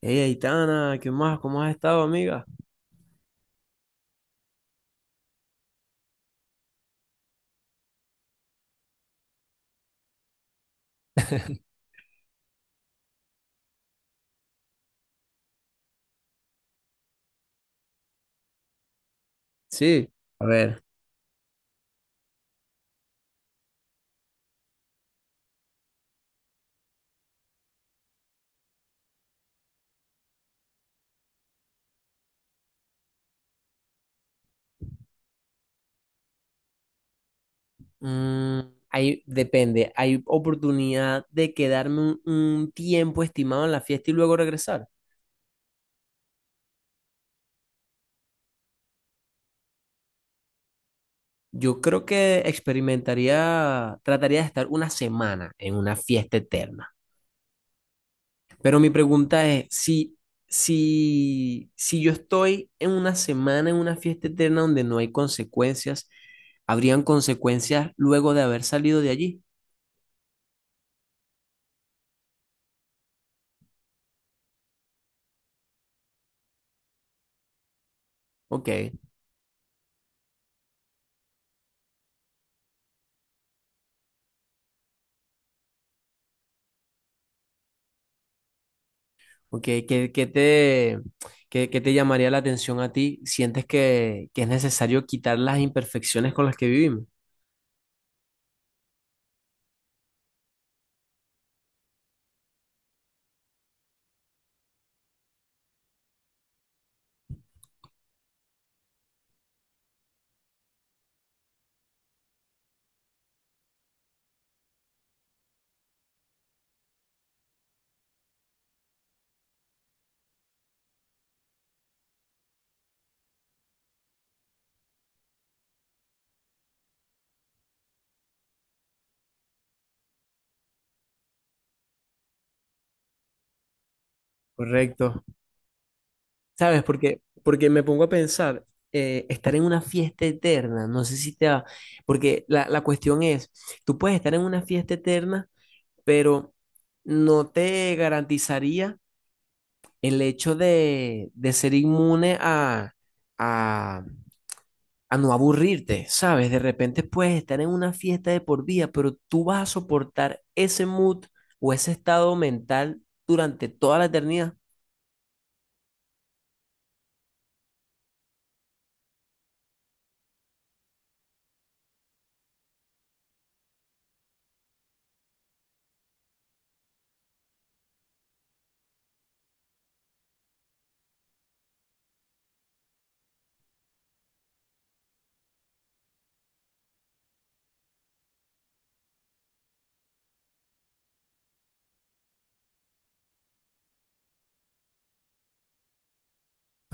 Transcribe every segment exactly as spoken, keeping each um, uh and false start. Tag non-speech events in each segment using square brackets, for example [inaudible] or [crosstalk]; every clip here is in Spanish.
Hey, Aitana, ¿qué más? ¿Cómo has estado, amiga? Sí, a ver, mm, hay, depende, ¿hay oportunidad de quedarme un, un tiempo estimado en la fiesta y luego regresar? Yo creo que experimentaría, trataría de estar una semana en una fiesta eterna. Pero mi pregunta es, si, si, si yo estoy en una semana en una fiesta eterna donde no hay consecuencias, ¿habrían consecuencias luego de haber salido de allí? Ok. Ok, ¿qué, qué te, qué, qué te llamaría la atención a ti? ¿Sientes que, que es necesario quitar las imperfecciones con las que vivimos? Correcto. ¿Sabes? Porque, porque me pongo a pensar, eh, estar en una fiesta eterna, no sé si te va, porque la, la cuestión es, tú puedes estar en una fiesta eterna, pero no te garantizaría el hecho de, de ser inmune a, a, a no aburrirte, ¿sabes? De repente puedes estar en una fiesta de por vida, pero tú vas a soportar ese mood o ese estado mental durante toda la eternidad. [laughs]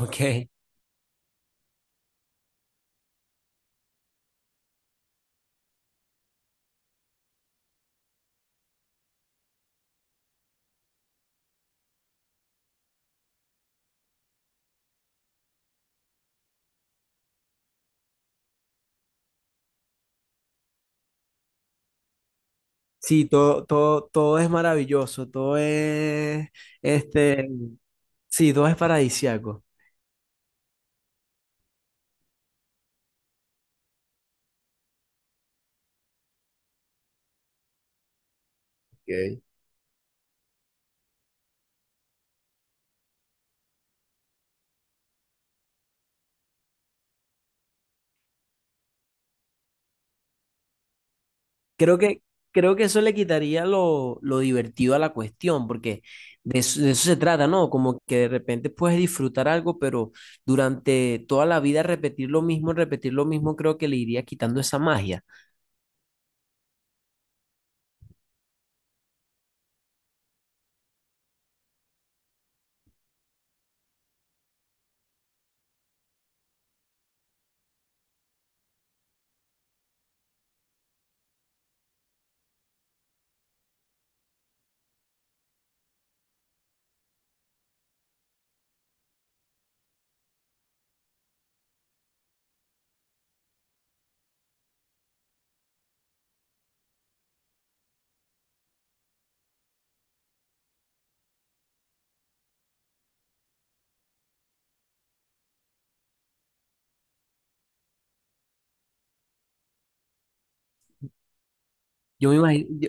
Ok. Sí, todo, todo, todo es maravilloso, todo es, este, sí, todo es paradisiaco. Ok. Creo que, creo que eso le quitaría lo, lo divertido a la cuestión, porque de eso, de eso se trata, ¿no? Como que de repente puedes disfrutar algo, pero durante toda la vida repetir lo mismo, repetir lo mismo, creo que le iría quitando esa magia. Yo me imagino, yo,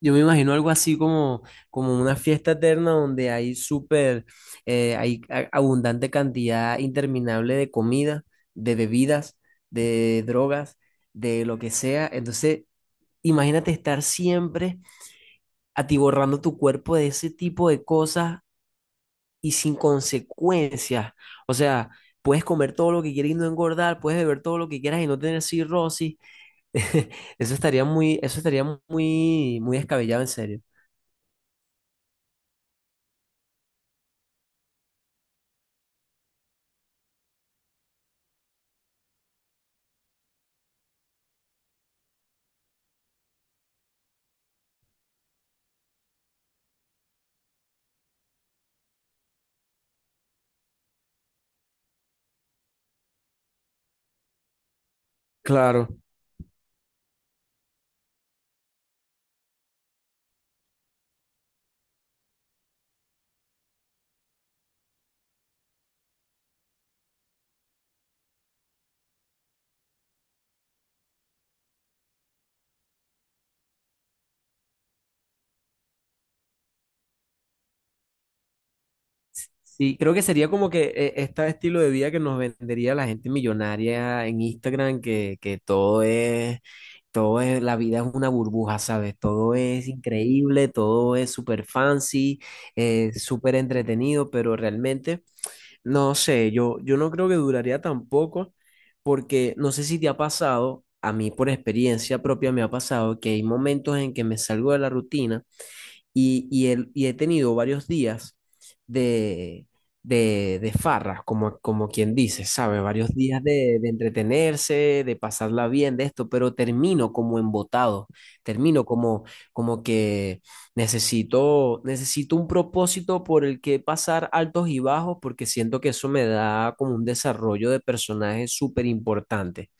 yo me imagino algo así como, como una fiesta eterna donde hay súper, eh, hay a- abundante cantidad interminable de comida, de bebidas, de drogas, de lo que sea. Entonces, imagínate estar siempre atiborrando tu cuerpo de ese tipo de cosas y sin consecuencias. O sea, puedes comer todo lo que quieras y no engordar, puedes beber todo lo que quieras y no tener cirrosis. [laughs] Eso estaría muy, eso estaría muy, muy descabellado en serio. Claro, sí, creo que sería como que eh, este estilo de vida que nos vendería la gente millonaria en Instagram, que, que todo es, todo es, la vida es una burbuja, ¿sabes? Todo es increíble, todo es súper fancy, eh, súper entretenido, pero realmente, no sé, yo, yo no creo que duraría tampoco, porque no sé si te ha pasado, a mí por experiencia propia me ha pasado que hay momentos en que me salgo de la rutina y, y, el- y he tenido varios días de, de, de farra, como, como quien dice, ¿sabe? Varios días de, de entretenerse, de pasarla bien, de esto, pero termino como embotado, termino como, como que necesito, necesito un propósito por el que pasar altos y bajos, porque siento que eso me da como un desarrollo de personaje súper importante.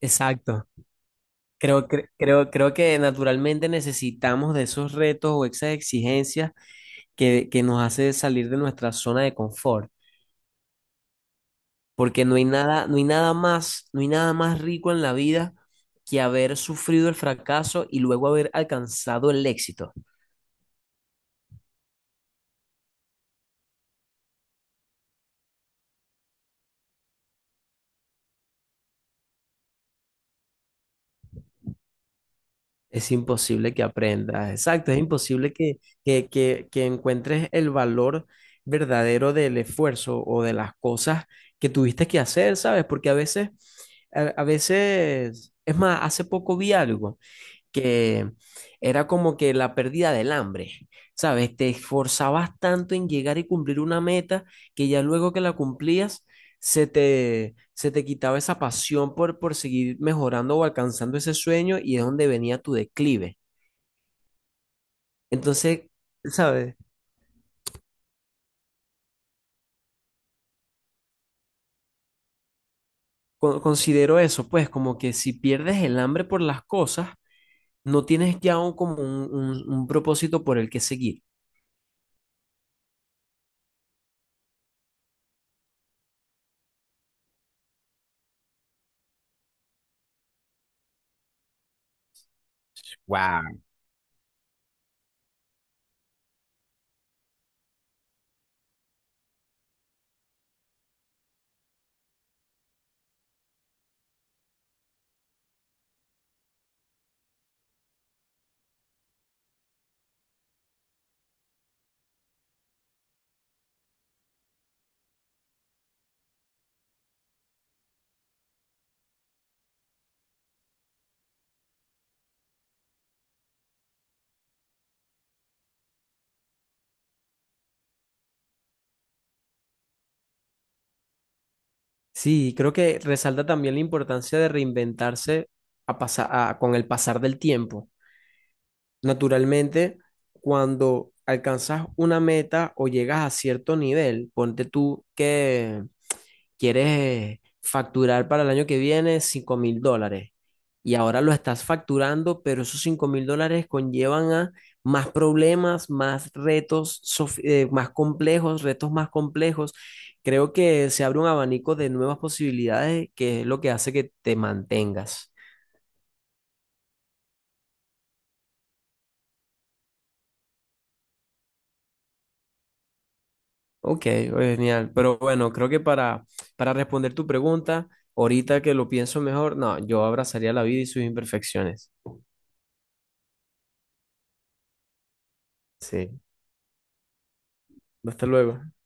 Exacto. Creo, cre- creo, creo que naturalmente necesitamos de esos retos o esas exigencias que, que nos hace salir de nuestra zona de confort, porque no hay nada, no hay nada más, no hay nada más rico en la vida que haber sufrido el fracaso y luego haber alcanzado el éxito. Es imposible que aprendas, exacto, es imposible que, que, que, que encuentres el valor verdadero del esfuerzo o de las cosas que tuviste que hacer, ¿sabes? Porque a veces, a, a veces, es más, hace poco vi algo. que era como que la pérdida del hambre, ¿sabes? Te esforzabas tanto en llegar y cumplir una meta que ya luego que la cumplías, se te, se te quitaba esa pasión por, por seguir mejorando o alcanzando ese sueño y es donde venía tu declive. Entonces, ¿sabes? Con- Considero eso, pues como que si pierdes el hambre por las cosas, no tienes ya un- como un, un un propósito por el que seguir. Wow, sí, creo que resalta también la importancia de reinventarse a pasa- a- con el pasar del tiempo. Naturalmente, cuando alcanzas una meta o llegas a cierto nivel, ponte tú que quieres facturar para el año que viene cinco mil dólares y ahora lo estás facturando, pero esos cinco mil dólares conllevan a más problemas, más retos, sof- eh, más complejos, retos más complejos. Creo que se abre un abanico de nuevas posibilidades que es lo que hace que te mantengas. Ok, oye, genial. Pero bueno, creo que para, para responder tu pregunta, ahorita que lo pienso mejor, no, yo abrazaría la vida y sus imperfecciones. Sí, hasta luego.